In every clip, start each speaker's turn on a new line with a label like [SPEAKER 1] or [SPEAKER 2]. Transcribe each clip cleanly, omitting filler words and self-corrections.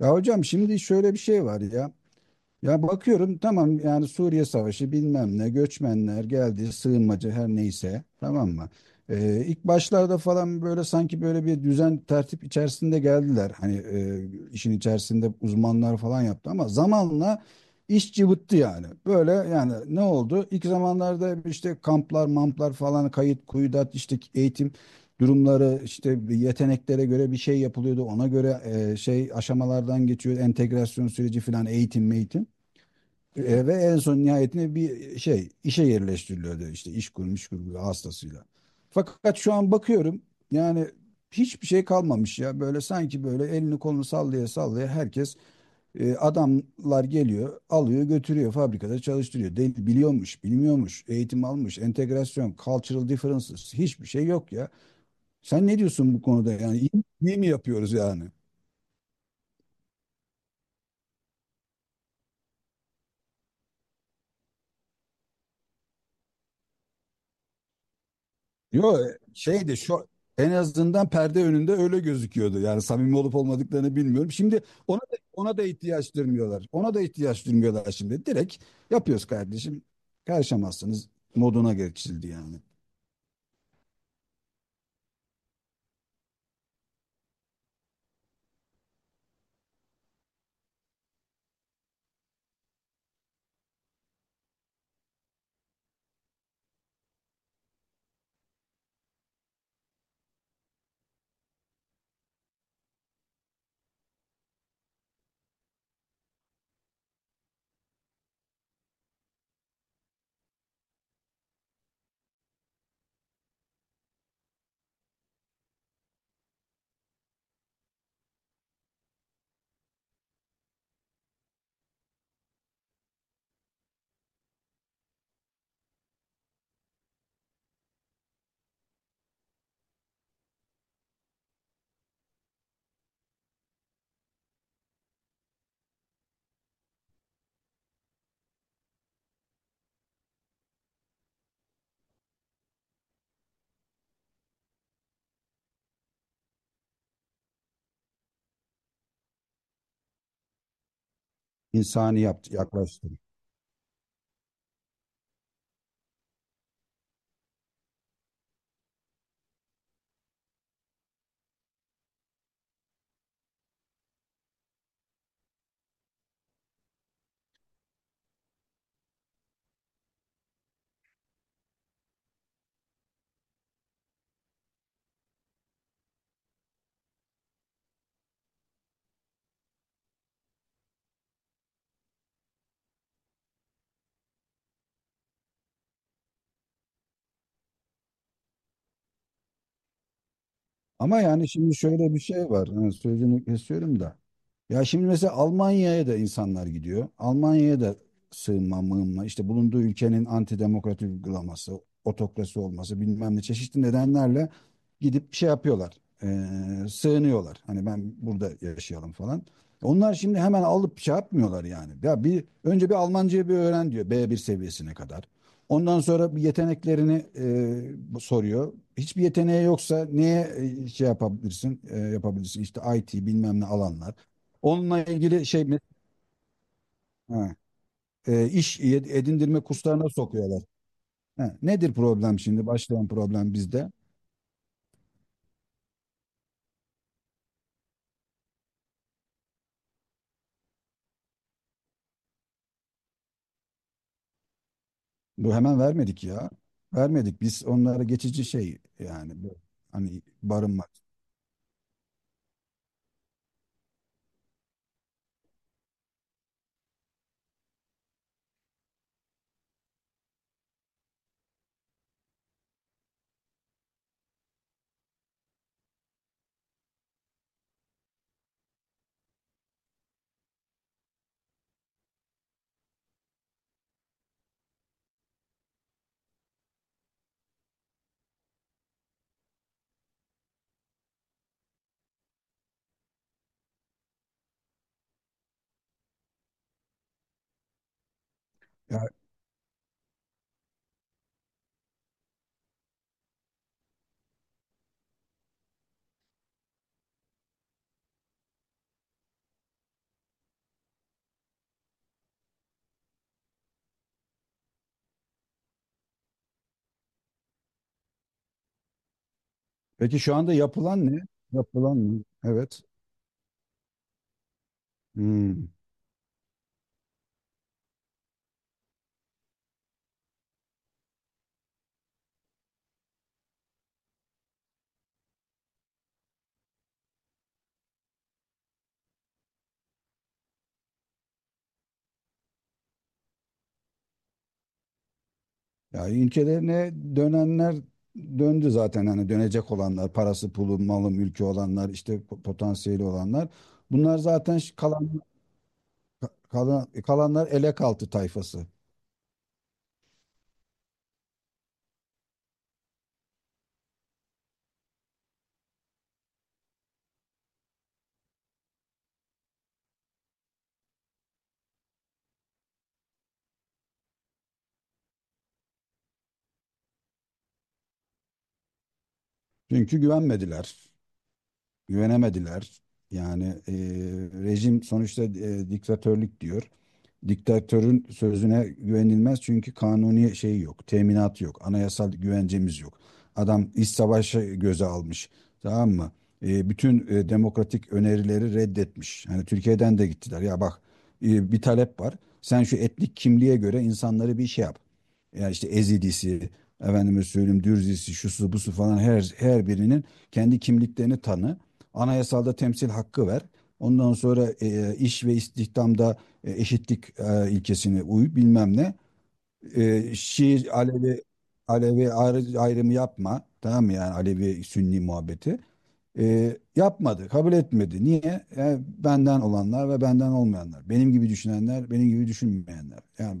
[SPEAKER 1] Ya hocam şimdi şöyle bir şey var ya. Ya bakıyorum, tamam yani, Suriye Savaşı bilmem ne, göçmenler geldi, sığınmacı, her neyse, tamam mı? İlk başlarda falan böyle, sanki böyle bir düzen tertip içerisinde geldiler. Hani işin içerisinde uzmanlar falan yaptı, ama zamanla iş cıvıttı yani. Böyle, yani ne oldu? İlk zamanlarda işte kamplar mamplar falan, kayıt kuyudat, işte eğitim durumları, işte yeteneklere göre bir şey yapılıyordu. Ona göre şey, aşamalardan geçiyor, entegrasyon süreci falan, eğitim ve en son nihayetinde bir şey işe yerleştiriliyordu, işte iş kurmuş kurmuş hastasıyla. Fakat şu an bakıyorum yani, hiçbir şey kalmamış ya, böyle sanki böyle elini kolunu sallaya sallaya herkes, adamlar geliyor, alıyor, götürüyor, fabrikada çalıştırıyor. Değil, biliyormuş bilmiyormuş, eğitim almış, entegrasyon, cultural differences, hiçbir şey yok ya. Sen ne diyorsun bu konuda, yani iyi mi yapıyoruz yani? Yo, şeydi şu, en azından perde önünde öyle gözüküyordu. Yani samimi olup olmadıklarını bilmiyorum. Şimdi ona da ihtiyaç duymuyorlar. Ona da ihtiyaç duymuyorlar şimdi. Direkt yapıyoruz kardeşim. Karışamazsınız moduna geçildi yani. İnsani yaptı, yaklaştı. Ama yani şimdi şöyle bir şey var, hani sözünü kesiyorum da. Ya şimdi mesela Almanya'ya da insanlar gidiyor. Almanya'ya da sığınma mığınma, işte bulunduğu ülkenin antidemokratik uygulaması, otokrasi olması, bilmem ne çeşitli nedenlerle gidip şey yapıyorlar. Sığınıyorlar. Hani ben burada yaşayalım falan. Onlar şimdi hemen alıp şey yapmıyorlar yani. Ya bir önce bir Almancayı bir öğren diyor, B1 seviyesine kadar. Ondan sonra bir yeteneklerini soruyor. Hiçbir yeteneği yoksa neye şey yapabilirsin? Yapabilirsin işte IT bilmem ne alanlar. Onunla ilgili şey mi? Ha, iş edindirme kurslarına sokuyorlar. Ha, nedir problem şimdi? Başlayan problem bizde. Bu hemen vermedik ya. Vermedik. Biz onlara geçici şey yani bu, hani barınmak. Peki şu anda yapılan ne? Yapılan ne? Evet. Hmm. Ya ülkelerine dönenler döndü zaten, hani dönecek olanlar, parası, pulu, malı, mülkü olanlar, işte potansiyeli olanlar. Bunlar zaten kalanlar, elek altı tayfası. Çünkü güvenmediler, güvenemediler. Yani rejim sonuçta diktatörlük diyor. Diktatörün sözüne güvenilmez, çünkü kanuni şey yok, teminat yok, anayasal güvencemiz yok. Adam iç savaşı göze almış, tamam mı? Bütün demokratik önerileri reddetmiş. Hani Türkiye'den de gittiler. Ya bak, bir talep var. Sen şu etnik kimliğe göre insanları bir şey yap. Ya işte Ezidisi, efendime söyleyeyim Dürzisi, şusu busu falan, her birinin kendi kimliklerini tanı. Anayasalda temsil hakkı ver. Ondan sonra iş ve istihdamda eşitlik ilkesine uy, bilmem ne. Şii, Alevi ayrımı yapma. Tamam mı yani, Alevi Sünni muhabbeti. Yapmadı, kabul etmedi. Niye? Benden olanlar ve benden olmayanlar. Benim gibi düşünenler, benim gibi düşünmeyenler. Yani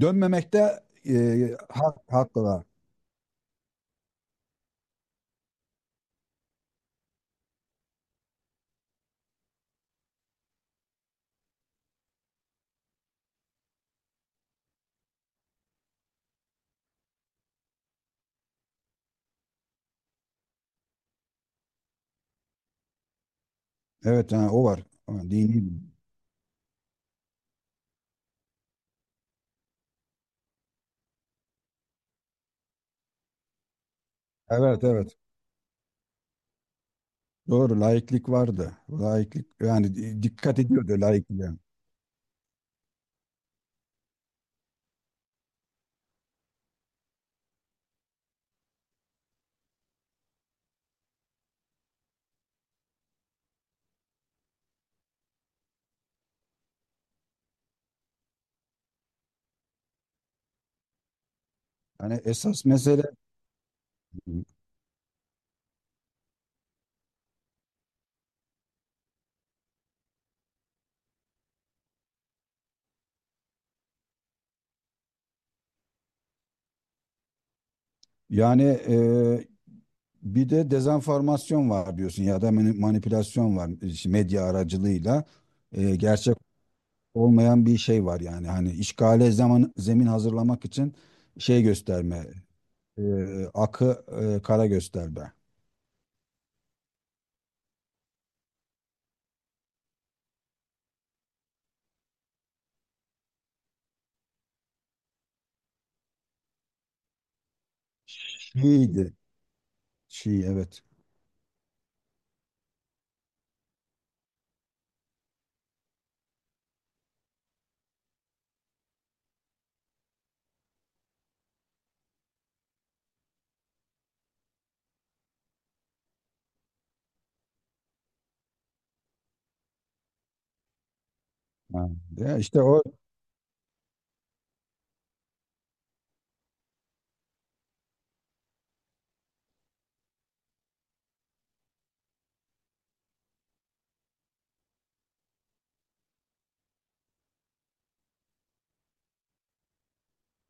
[SPEAKER 1] dönmemekte hakkı var. Evet, ha, o var. Ha, dini. Evet, evet. Doğru, laiklik vardı. Laiklik, yani dikkat ediyordu laikliğe. Yani esas mesele. Yani bir de dezenformasyon var diyorsun, ya da manipülasyon var, işte medya aracılığıyla. Gerçek olmayan bir şey var, yani hani işgale zaman zemin hazırlamak için şey gösterme, akı kara gösterme. Şiiydi. Şii, evet. Ha, ya işte o.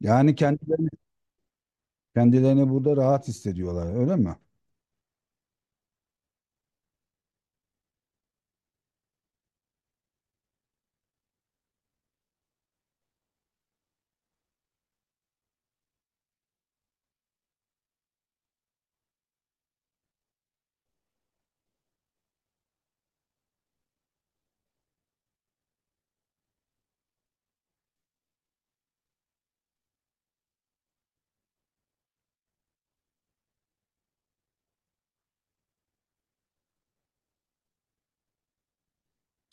[SPEAKER 1] Yani kendilerini burada rahat hissediyorlar, öyle mi?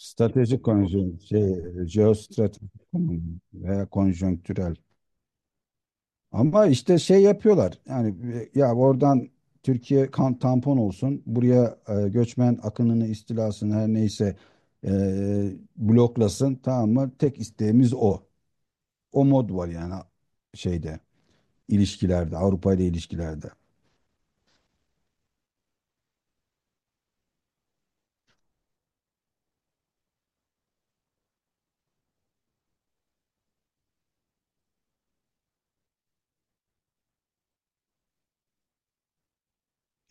[SPEAKER 1] Stratejik konjonktür şey, jeostratejik konum veya konjonktürel. Ama işte şey yapıyorlar. Yani ya oradan Türkiye kan tampon olsun. Buraya göçmen akınını, istilasını, her neyse bloklasın. Tamam mı? Tek isteğimiz o. O mod var yani, şeyde ilişkilerde, Avrupa ile ilişkilerde.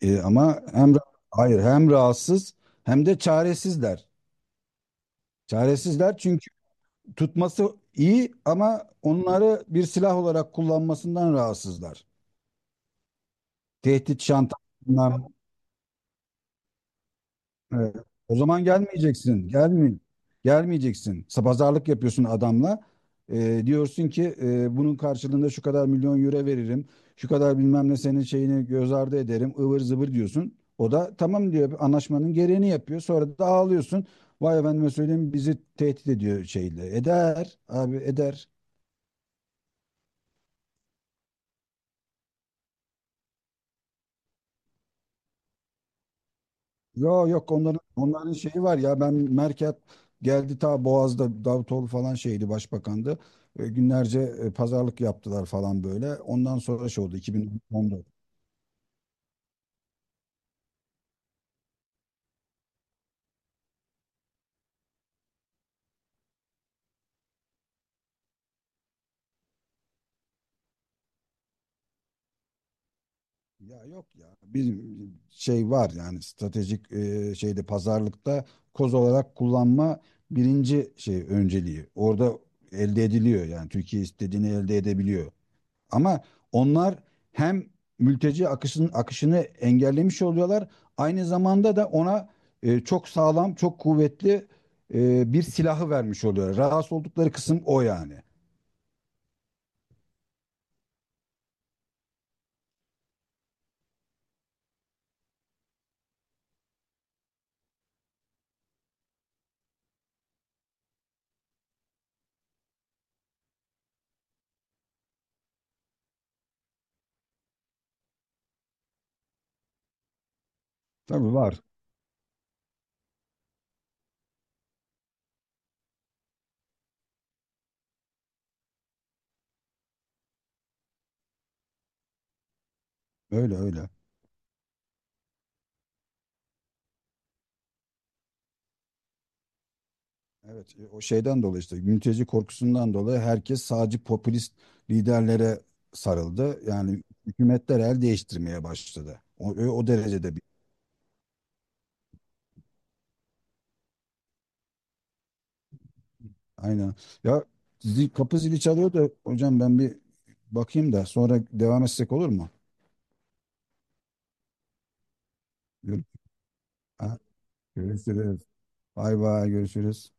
[SPEAKER 1] Ama hem, hayır, hem rahatsız hem de çaresizler. Çaresizler, çünkü tutması iyi ama onları bir silah olarak kullanmasından rahatsızlar. Tehdit, şantaj, bunlar. Evet. O zaman gelmeyeceksin. Gelme, gelmeyeceksin. Pazarlık yapıyorsun adamla. Diyorsun ki, bunun karşılığında şu kadar milyon euro veririm. Şu kadar bilmem ne senin şeyini göz ardı ederim, ıvır zıvır, diyorsun. O da tamam diyor. Anlaşmanın gereğini yapıyor. Sonra da ağlıyorsun. Vay efendime söyleyeyim, bizi tehdit ediyor şeyle. Eder abi eder. Yo yok, onların şeyi var ya, ben Merkel geldi ta Boğaz'da, Davutoğlu falan şeydi başbakandı. Günlerce pazarlık yaptılar falan böyle. Ondan sonra şey oldu, 2014. Ya yok ya, bizim şey var yani, stratejik şeyde, pazarlıkta koz olarak kullanma birinci şey önceliği. Orada elde ediliyor, yani Türkiye istediğini elde edebiliyor. Ama onlar hem mülteci akışını engellemiş oluyorlar. Aynı zamanda da ona, çok sağlam, çok kuvvetli bir silahı vermiş oluyor. Rahatsız oldukları kısım o yani. Tabii var. Öyle öyle. Evet, o şeyden dolayı, işte mülteci korkusundan dolayı, herkes sadece popülist liderlere sarıldı. Yani hükümetler el değiştirmeye başladı, o derecede. Aynen. Ya zil, kapı zili çalıyor da hocam, ben bir bakayım da sonra devam etsek olur mu? Gör- Ha, görüşürüz. Bay bay görüşürüz.